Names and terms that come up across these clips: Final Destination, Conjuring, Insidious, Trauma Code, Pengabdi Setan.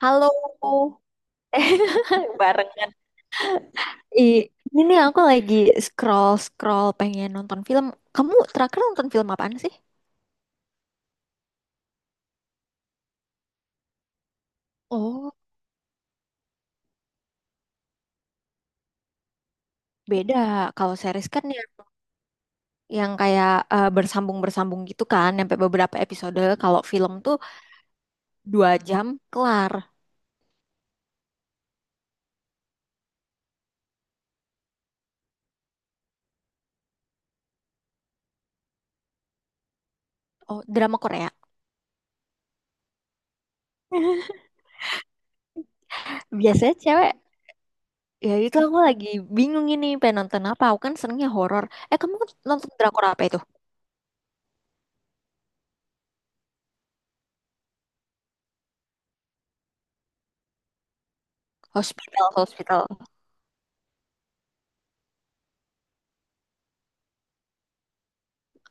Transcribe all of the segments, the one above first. Halo. Eh, barengan. Ini nih aku lagi scroll scroll pengen nonton film. Kamu terakhir nonton film apaan sih? Oh, beda. Kalau series kan yang kayak bersambung-bersambung gitu kan, sampai beberapa episode. Kalau film tuh 2 jam kelar. Oh, drama Korea. Biasanya cewek. Ya itu aku lagi bingung ini pengen nonton apa. Aku kan senengnya horor. Eh, kamu nonton drakor apa itu? Hospital, hospital.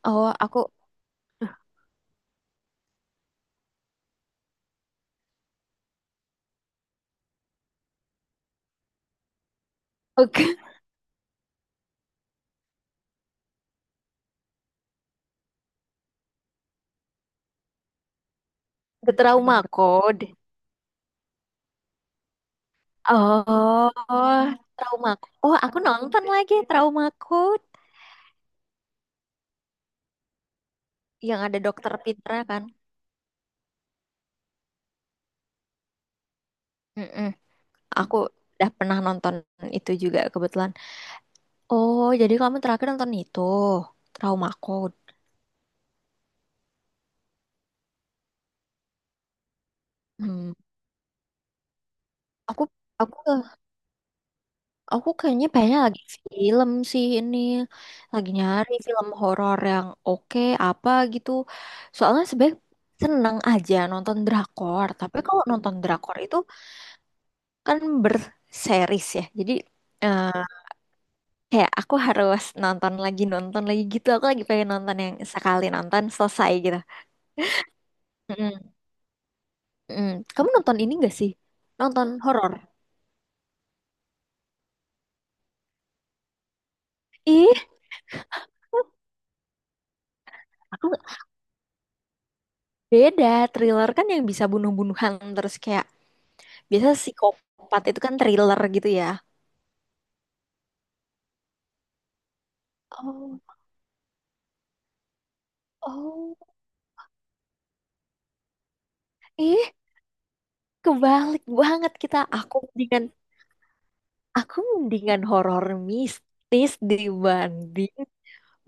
Oh, aku oke. Ke Trauma code. Oh, trauma. Oh, aku nonton lagi trauma code yang ada dokter Pitra kan. Mm-mm. Aku udah pernah nonton itu juga kebetulan. Oh, jadi kamu terakhir nonton itu trauma code. Hmm. Aku aku aku kayaknya banyak lagi film sih ini. Lagi nyari film horor yang oke apa gitu. Soalnya sebenernya seneng aja nonton drakor, tapi kalau nonton drakor itu kan berseries ya. Jadi eh, kayak aku harus nonton lagi gitu. Aku lagi pengen nonton yang sekali nonton selesai gitu. Mm-mm. Mm. Kamu nonton ini gak sih? Nonton horor? Ih, aku beda. Thriller kan yang bisa bunuh-bunuhan terus kayak biasa psikopat itu kan thriller gitu ya. Oh, oh, ih, kebalik banget kita. Aku mendingan horor mistis dibanding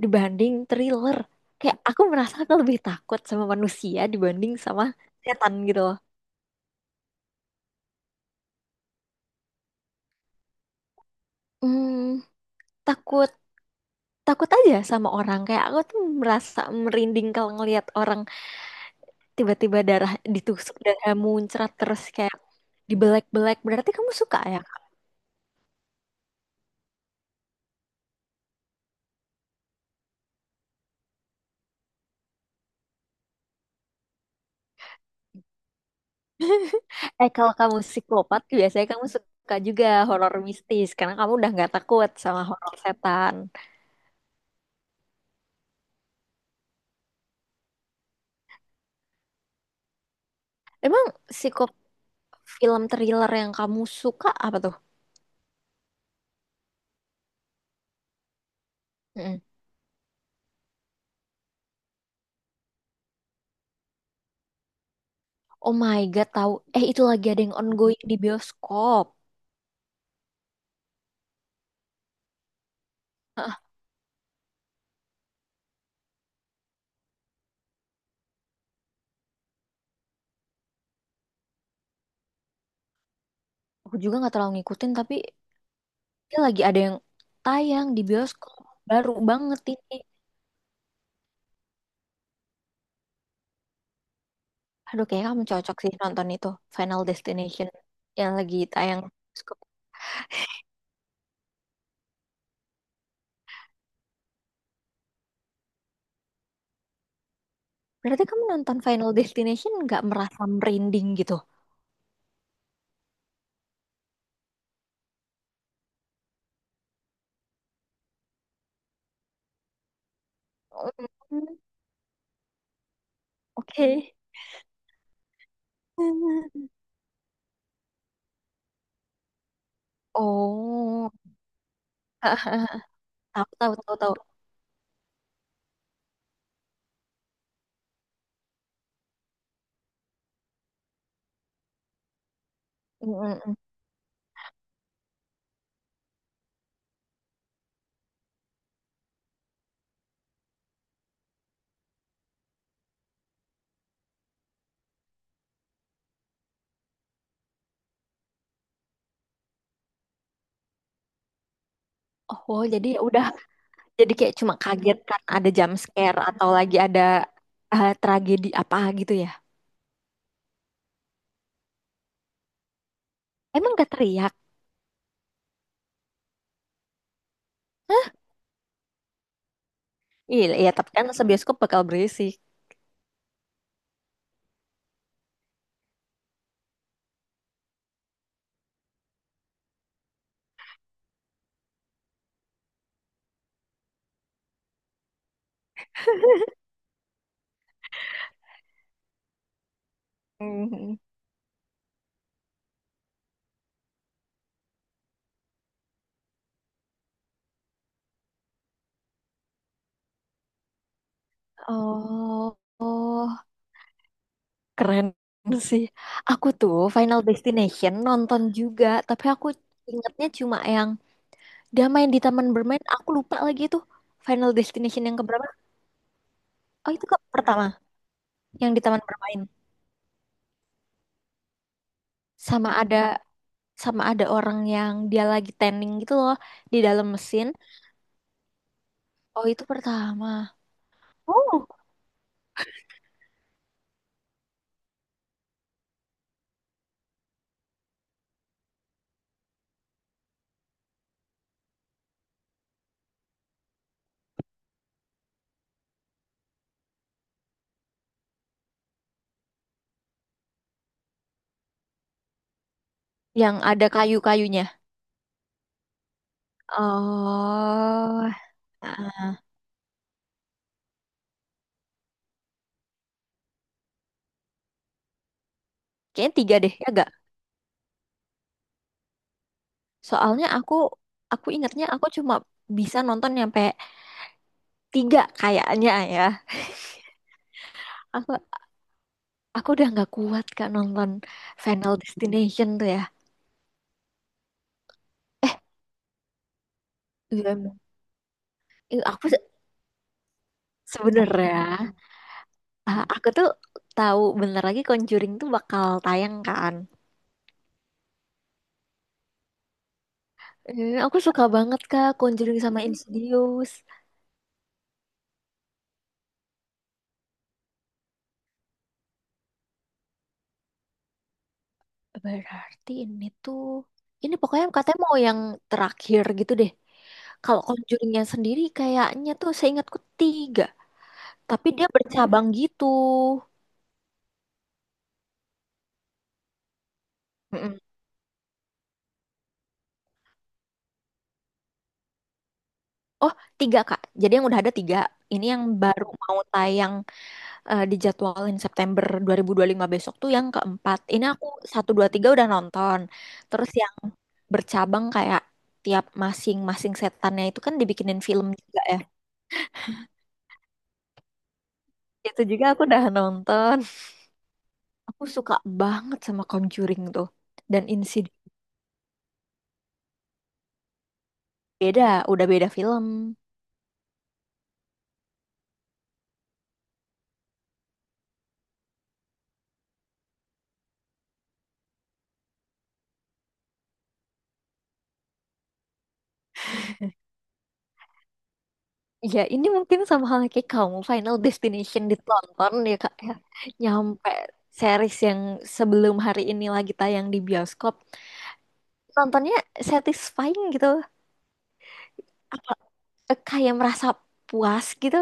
dibanding thriller. Kayak aku merasa aku lebih takut sama manusia dibanding sama setan gitu loh. Hmm, takut takut aja sama orang kayak aku tuh merasa merinding kalau ngelihat orang tiba-tiba darah ditusuk darah muncrat terus kayak dibelek-belek. Berarti kamu suka, ya? Kalau kamu psikopat biasanya kamu suka juga horor mistis karena kamu udah nggak takut sama horor setan. Emang psikop film thriller yang kamu suka apa tuh? Mm. Oh my God, tahu. Eh, itu lagi ada yang ongoing di bioskop. Hah, aku juga nggak terlalu ngikutin, tapi dia lagi ada yang tayang di bioskop. Baru banget ini. Aduh, kayaknya kamu cocok sih nonton itu. Final Destination yang lagi tayang di bioskop. Berarti kamu nonton Final Destination nggak merasa merinding gitu? Mm. Oke. Oh, tahu tahu tahu tahu. Mm, mm, mm. Oh, jadi ya udah. Jadi kayak cuma kaget kan ada jump scare atau lagi ada tragedi apa gitu ya. Emang gak teriak? Iya, iya, tapi kan sebioskop bakal berisik. Mhm. Oh, oh, keren sih. Aku tuh Final Destination nonton juga, tapi aku ingatnya cuma yang dia main di taman bermain. Aku lupa lagi itu Final Destination yang keberapa? Oh, itu ke pertama yang di taman bermain. Sama ada sama ada orang yang dia lagi tanning gitu loh di dalam mesin. Oh, itu pertama. Oh, yang ada kayu-kayunya. Oh, ah, kayaknya tiga deh, ya gak? Soalnya aku ingatnya aku cuma bisa nonton nyampe tiga kayaknya ya. Aku, aku udah nggak kuat kak nonton Final Destination tuh ya. Eh, iya emang. Ih, aku sebenernya, aku tuh tahu bentar lagi Conjuring tuh bakal tayang kan. Eh, aku suka banget kak Conjuring sama Insidious. Berarti ini tuh, ini pokoknya katanya mau yang terakhir gitu deh. Kalau Conjuringnya sendiri kayaknya tuh seingatku tiga, tapi dia bercabang gitu. Mm-mm. Oh, tiga Kak. Jadi yang udah ada tiga. Ini yang baru mau tayang, dijadwalin September 2025 besok tuh yang keempat. Ini aku satu dua tiga udah nonton. Terus yang bercabang kayak tiap masing-masing setannya itu kan dibikinin film juga ya. Itu juga aku udah nonton. Aku suka banget sama Conjuring tuh. Dan Insidious beda, udah beda film. Ya, ini mungkin sama hal kayak kamu Final Destination ditonton ya Kak ya. Nyampe series yang sebelum hari ini lagi tayang di bioskop. Nontonnya satisfying gitu. Apa kayak merasa puas gitu.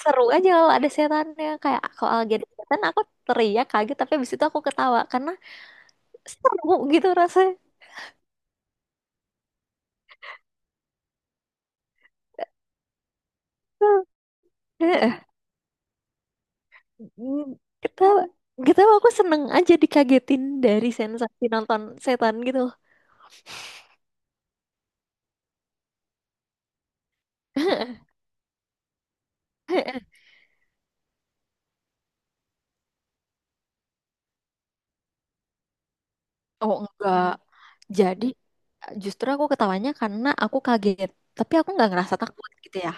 Seru aja kalau ada setannya kayak kalau lagi ada setan aku teriak kaget tapi habis itu aku ketawa karena seru gitu rasanya. Mm, kita kita aku seneng aja dikagetin dari sensasi nonton setan gitu. Oh enggak. Jadi justru aku ketawanya karena aku kaget. Tapi aku nggak ngerasa takut gitu ya.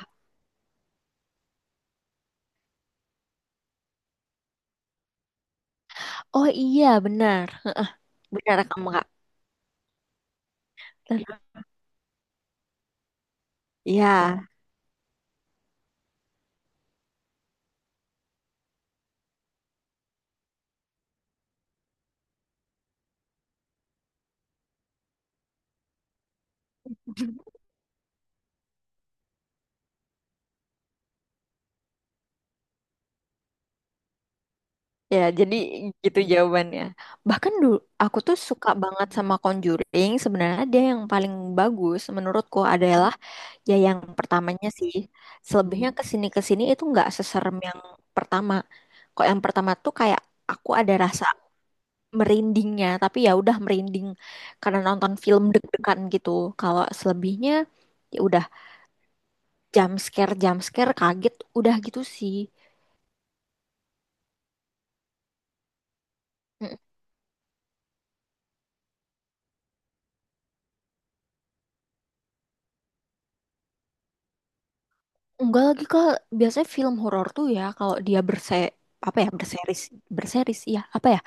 Oh iya benar. Benar kamu kak? Benar. Iya. Ya, jadi gitu jawabannya. Bahkan dulu aku tuh suka banget sama Conjuring. Sebenarnya dia yang paling bagus menurutku adalah ya yang pertamanya sih, selebihnya kesini kesini itu nggak seserem yang pertama. Kok yang pertama tuh kayak aku ada rasa merindingnya, tapi ya udah merinding karena nonton film deg-degan gitu. Kalau selebihnya ya udah jump scare kaget udah gitu sih. Mm. Enggak lagi kak, biasanya film horor tuh ya kalau dia apa ya berseris berseris ya apa ya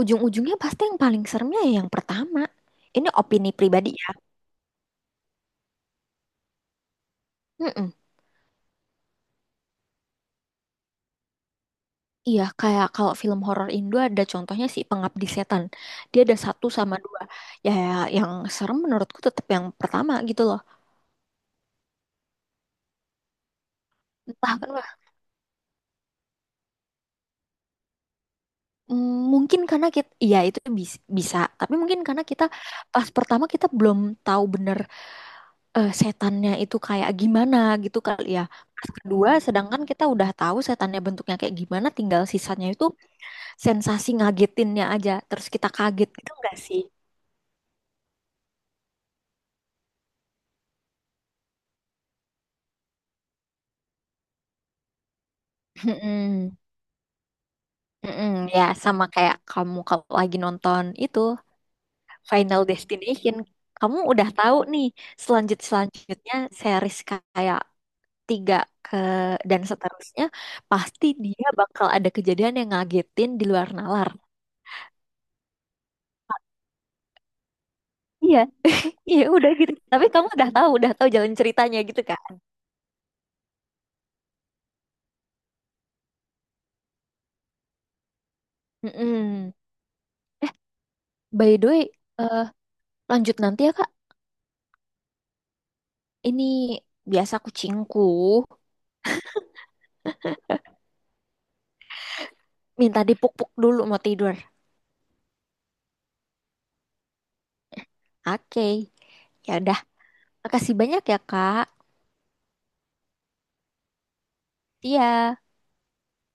ujung-ujungnya pasti yang paling seremnya ya yang pertama. Ini opini pribadi ya. Mm-mm. Iya, kayak kalau film horor Indo ada contohnya si Pengabdi Setan. Dia ada satu sama dua. Ya, ya, yang serem menurutku tetap yang pertama gitu loh. Entah kenapa. Mungkin karena kita, iya itu bisa. Tapi mungkin karena kita pas pertama kita belum tahu bener setannya itu kayak gimana gitu kali ya. Pas kedua, sedangkan kita udah tahu setannya bentuknya kayak gimana, tinggal sisanya itu sensasi ngagetinnya aja. Terus kita kaget gitu enggak sih? Mm-mm. Mm-mm, ya sama kayak kamu kalau lagi nonton itu Final Destination, kamu udah tahu nih selanjutnya series kayak tiga ke dan seterusnya pasti dia bakal ada kejadian yang ngagetin di luar nalar. Iya, iya udah gitu. Tapi kamu udah tahu jalan ceritanya gitu kan? Mm-mm. By the way, eh, lanjut nanti ya Kak. Ini biasa kucingku minta dipuk-puk dulu mau tidur. Oke, ya udah. Makasih banyak ya, Kak. Iya.